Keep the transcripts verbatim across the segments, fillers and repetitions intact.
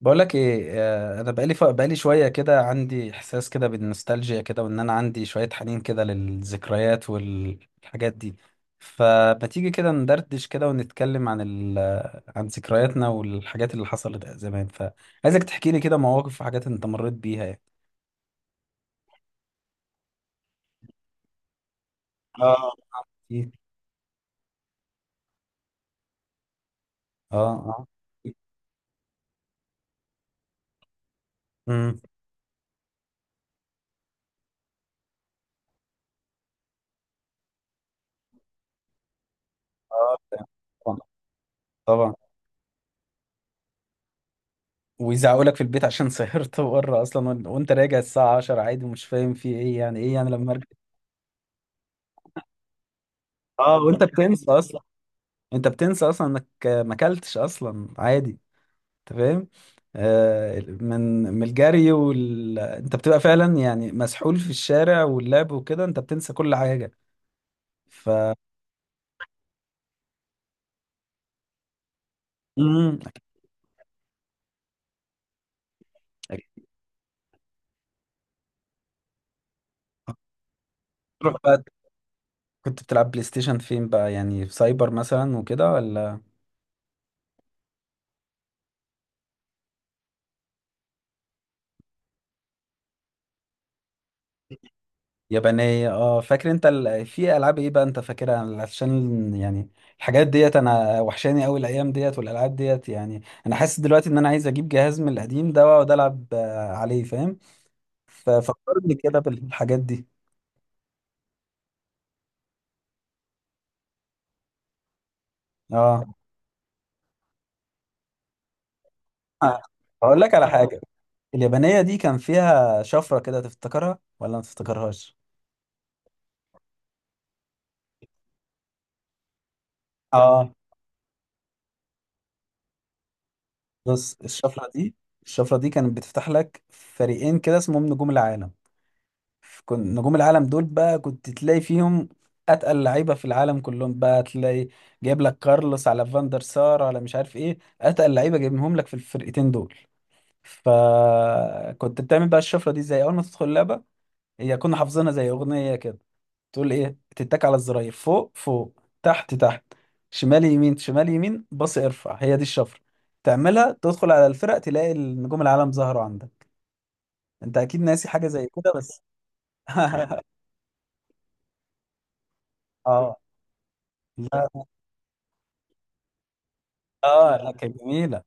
بقول لك ايه آه، انا بقالي ف... بقالي شويه كده عندي احساس كده بالنوستالجيا كده وان انا عندي شويه حنين كده للذكريات والحاجات دي. فما تيجي كده ندردش كده ونتكلم عن ال... عن ذكرياتنا والحاجات اللي حصلت زمان، فعايزك تحكي لي كده مواقف وحاجات انت مريت بيها يعني. اه. إيه؟ اه اه. امم. اه، طبعا طبعا. ويزعقوا لك في البيت عشان سهرت بره اصلا، وإن- وانت راجع الساعه عشرة عادي، ومش فاهم في ايه يعني، ايه يعني لما ارجع؟ اه، وانت بتنسى اصلا، انت بتنسى اصلا انك ما اكلتش اصلا عادي، انت فاهم. آه، من من الجري وال... انت بتبقى فعلا يعني مسحول في الشارع واللعب وكده، انت بتنسى كل حاجه. ف مم. تروح بقى، كنت بتلعب بلاي ستيشن فين بقى؟ يعني في سايبر مثلا وكده، ولا يابانية؟ اه فاكر انت ال... في العاب ايه بقى انت فاكرها؟ عشان يعني الحاجات ديت انا وحشاني قوي، الايام ديت والالعاب ديت يعني. انا حاسس دلوقتي ان انا عايز اجيب جهاز من القديم ده واقعد العب آه، عليه، فاهم. ففكرني كده بالحاجات دي. اه. آه، هقول لك على حاجة. اليابانية دي كان فيها شفرة كده، تفتكرها ولا ما تفتكرهاش؟ اه، بص الشفرة دي، الشفرة دي كانت بتفتح لك فريقين كده اسمهم نجوم العالم. كنت نجوم العالم دول بقى كنت تلاقي فيهم اتقل لعيبة في العالم كلهم، بقى تلاقي جايب لك كارلوس على فاندر سار على مش عارف ايه، اتقل لعيبة جايبهم لك في الفرقتين دول. فكنت بتعمل بقى الشفرة دي ازاي اول ما تدخل اللعبة؟ هي كنا حافظينها زي اغنيه كده، تقول ايه، تتك على الزراير فوق فوق تحت تحت شمال يمين شمال يمين باص ارفع، هي دي الشفره. تعملها تدخل على الفرق، تلاقي النجوم العالم ظهروا عندك. انت اكيد ناسي حاجه زي كده بس. اه لا، اه لا، كانت جميله.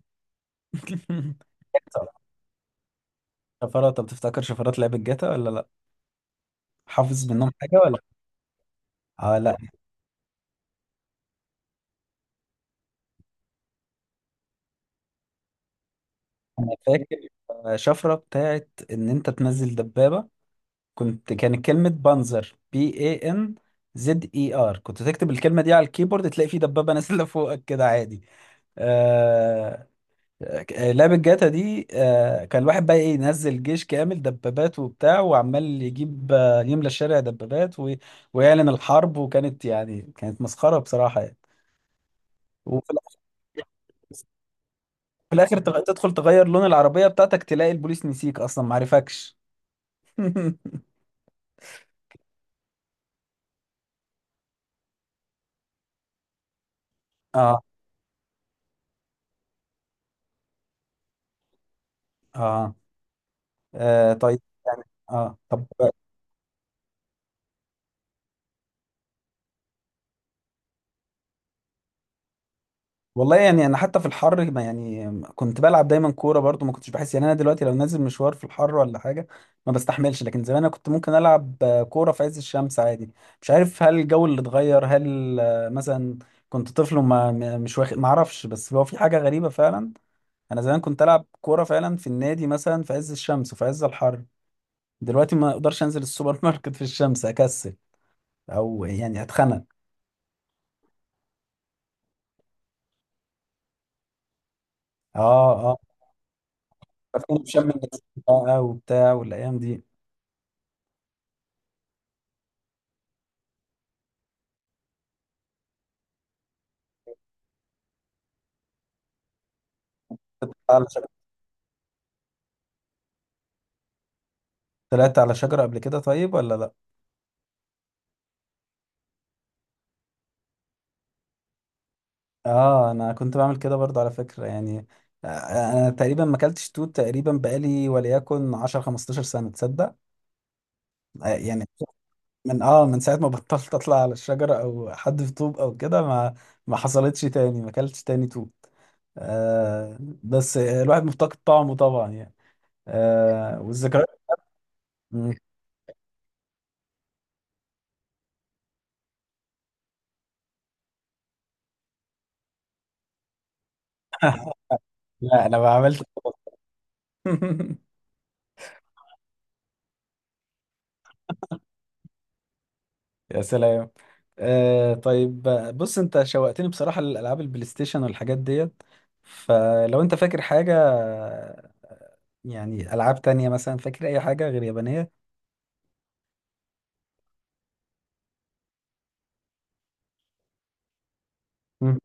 طب شفرات، طب تفتكر شفرات لعبه جاتا ولا لا؟ حافظ منهم حاجه ولا؟ اه لا، انا فاكر. آه، شفره بتاعت ان انت تنزل دبابه. كنت كانت كلمة بانزر، بي اي ان زد اي ار، كنت تكتب الكلمة دي على الكيبورد تلاقي في دبابة نازلة فوقك كده عادي. آه... آه، لعبة جاتا دي آه... كان الواحد بقى ايه، ينزل جيش كامل دبابات وبتاع، وعمال يجيب آه، يملى الشارع دبابات و... ويعلن الحرب، وكانت يعني كانت مسخرة بصراحة يعني. وفي الآخر، في الآخر تغ- تدخل تغير لون العربية بتاعتك، تلاقي البوليس نسيك أصلا معرفكش. اه اه. آه، طيب يعني. اه طب. والله يعني انا حتى في الحر ما يعني كنت بلعب دايما كوره برضو، ما كنتش بحس يعني، انا دلوقتي لو نازل مشوار في الحر ولا حاجه ما بستحملش. لكن زمان انا كنت ممكن العب آه، كوره في عز الشمس عادي. مش عارف، هل الجو اللي اتغير، هل آه، مثلا كنت طفل وما م- مش واخد ما اعرفش، بس هو في حاجه غريبه فعلا. انا زمان كنت العب كوره فعلا في النادي مثلا في عز الشمس وفي عز الحر، دلوقتي ما اقدرش انزل السوبر ماركت في الشمس، اكسل او يعني اتخنق. اه اه. بكون في شم النسيم بقى وبتاع والايام دي. طلعت على شجرة قبل كده طيب ولا لا؟ اه انا كنت بعمل كده برضه على فكرة يعني. آه، انا تقريبا ما اكلتش توت تقريبا بقالي وليكن عشرة خمستاشر سنة، تصدق؟ آه، يعني من اه من ساعة ما بطلت اطلع على الشجرة او حد في طوب او كده، ما ما حصلتش تاني، ما اكلتش تاني توت. آه بس الواحد مفتقد طعمه طبعا يعني. آه، والذكريات. مم. لا انا ما عملت. يا سلام. آه طيب، آه، بص انت شوقتني بصراحة للألعاب البلاي ستيشن والحاجات ديت، فلو انت فاكر حاجة، آه، يعني ألعاب تانية مثلا، فاكر أي حاجة غير يابانية؟ مم.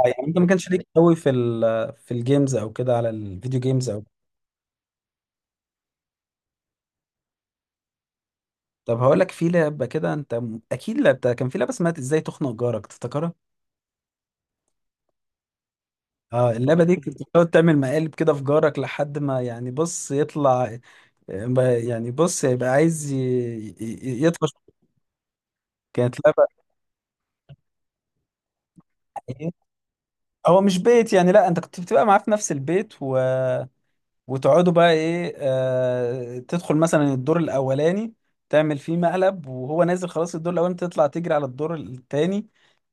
آه، يعني انت ما كانش ليك قوي في ال، في الجيمز او كده، على الفيديو جيمز او؟ طب هقول لك في لعبة كده انت م- اكيد لعبتها، كان في لعبة اسمها ازاي تخنق جارك، تفتكرها؟ اه، اللعبة دي كنت بتقعد تعمل مقالب كده في جارك لحد ما يعني بص يطلع، يعني بص يبقى عايز ي- ي- يطفش. كانت إيه؟ هو مش بيت يعني، لا انت كنت بتبقى معاه في نفس البيت و... وتقعدوا بقى ايه، آه... تدخل مثلا الدور الاولاني تعمل فيه مقلب، وهو نازل خلاص الدور الاولاني تطلع تجري على الدور التاني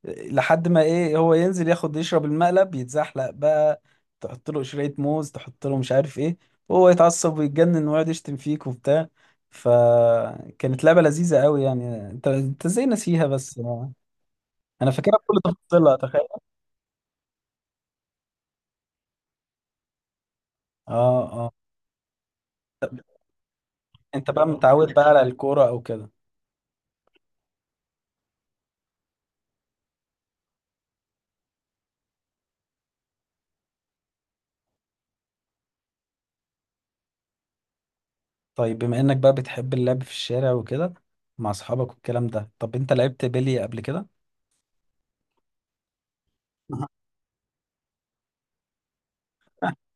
لحد ما ايه، هو ينزل ياخد يشرب المقلب يتزحلق بقى، تحط له قشرية موز، تحط له مش عارف ايه، وهو يتعصب ويتجنن ويقعد يشتم فيك وبتاع. فكانت لعبة لذيذة قوي يعني، انت انت ازاي ناسيها بس؟ انا فاكرها بكل تفاصيلها، تخيل. اه. آه. انت بقى متعود بقى على الكورة او كده. طيب بما انك بقى بتحب اللعب في الشارع وكده مع اصحابك والكلام ده، طب انت لعبت بيلي قبل كده؟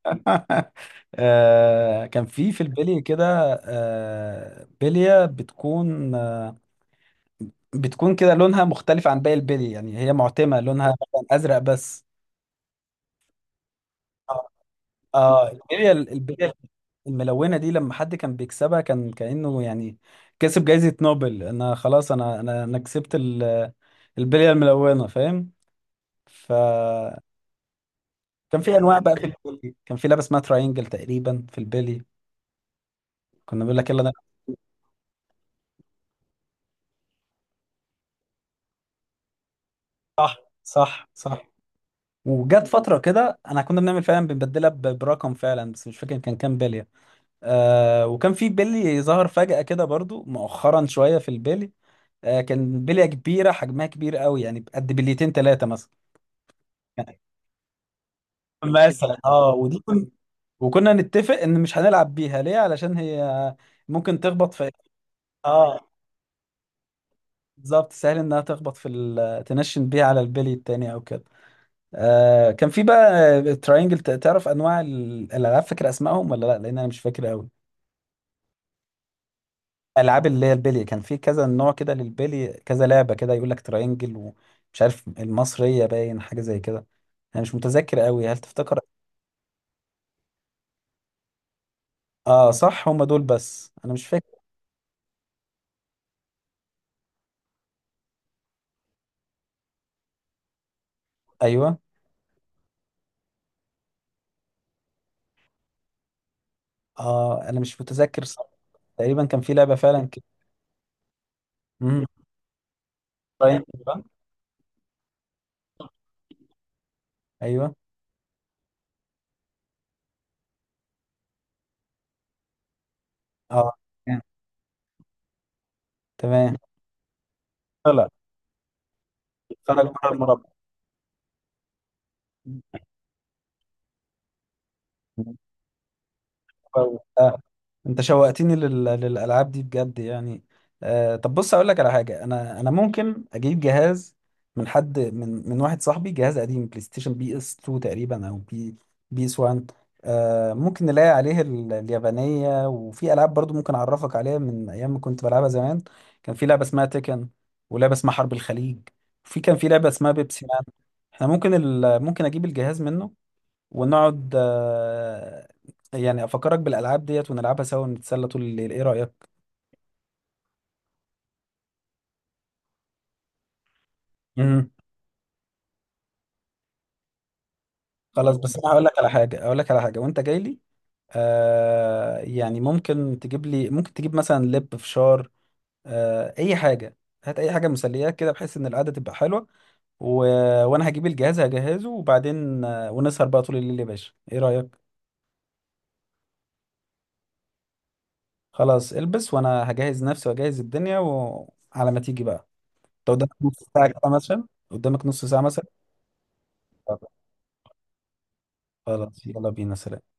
آه كان في، في البلي كده، آه بلية بتكون آه بتكون كده لونها مختلف عن باقي البلي يعني، هي معتمة لونها مثلا ازرق بس. اه، البلية، البلية الملونة دي لما حد كان بيكسبها كان كأنه يعني كسب جايزة نوبل، انا خلاص، انا انا انا كسبت ال- البلية الملونة، فاهم. فكان في انواع بقى في البلي، كان في لعبة اسمها تراينجل تقريبا في البلي، كنا بنقول لك يلا نلعب. صح صح صح. وجت فترة كده انا كنا بنعمل فعلا بنبدلها ب- برقم فعلا، بس مش فاكر كان كام بلية. آه وكان في بلي ظهر فجأة كده برضو مؤخرا شوية في البلي، آه كان بلية كبيرة حجمها كبير قوي، يعني قد بليتين ثلاثة مثلا. مثلا اه، ودي كن... وكنا نتفق ان مش هنلعب بيها ليه، علشان هي ممكن تخبط في إيه؟ اه بالظبط، سهل انها تخبط في ال... تنشن بيها على البلي التاني او كده. آه كان في بقى تراينجل، تعرف انواع ال- الالعاب؟ فاكر اسمائهم ولا لا؟ لان انا مش فاكر قوي. العاب اللي هي البلي، كان في كذا نوع كده للبلي، كذا لعبه كده، يقول لك تراينجل ومش عارف المصريه، باين حاجه زي كده. انا مش متذكر قوي، هل تفتكر؟ اه صح، هم دول بس انا مش فاكر. ايوه. اه انا مش متذكر، تقريبا كان في لعبة فعلا كده. امم. براين بقى. ايوه. اه تمام. طلع، طلع بره المربع. آه. انت شوقتني لل... للالعاب دي بجد يعني. آه طب بص اقول لك على حاجه، انا انا ممكن اجيب جهاز من حد من من واحد صاحبي، جهاز قديم بلاي ستيشن، بي اس اتنين تقريبا او بي بي اس واحد. آه ممكن نلاقي عليه ال... اليابانيه، وفي العاب برضو ممكن اعرفك عليها من ايام ما كنت بلعبها زمان. كان في لعبه اسمها تيكن، ولعبه اسمها حرب الخليج، وفي كان في لعبه اسمها بيبسي مان. احنا ممكن ال... ممكن اجيب الجهاز منه، ونقعد آه، يعني افكرك بالالعاب ديت ونلعبها سوا ونتسلى طول الليل، ايه رايك؟ مم. خلاص، بس انا هقول لك على حاجه، هقول لك على حاجه وانت جاي لي، آه يعني ممكن تجيب لي، ممكن تجيب مثلا لب، فشار، آه اي حاجه، هات اي حاجه مسليات كده، بحيث ان القعده تبقى حلوه، و... وانا هجيب الجهاز هجهزه، وبعدين آه ونسهر بقى طول الليل يا باشا، ايه رايك؟ خلاص، البس وانا هجهز نفسي واجهز الدنيا، وعلى ما تيجي بقى انت قدامك نص ساعه كده مثلا، قدامك نص ساعه مثلا. خلاص يلا بينا، سلام.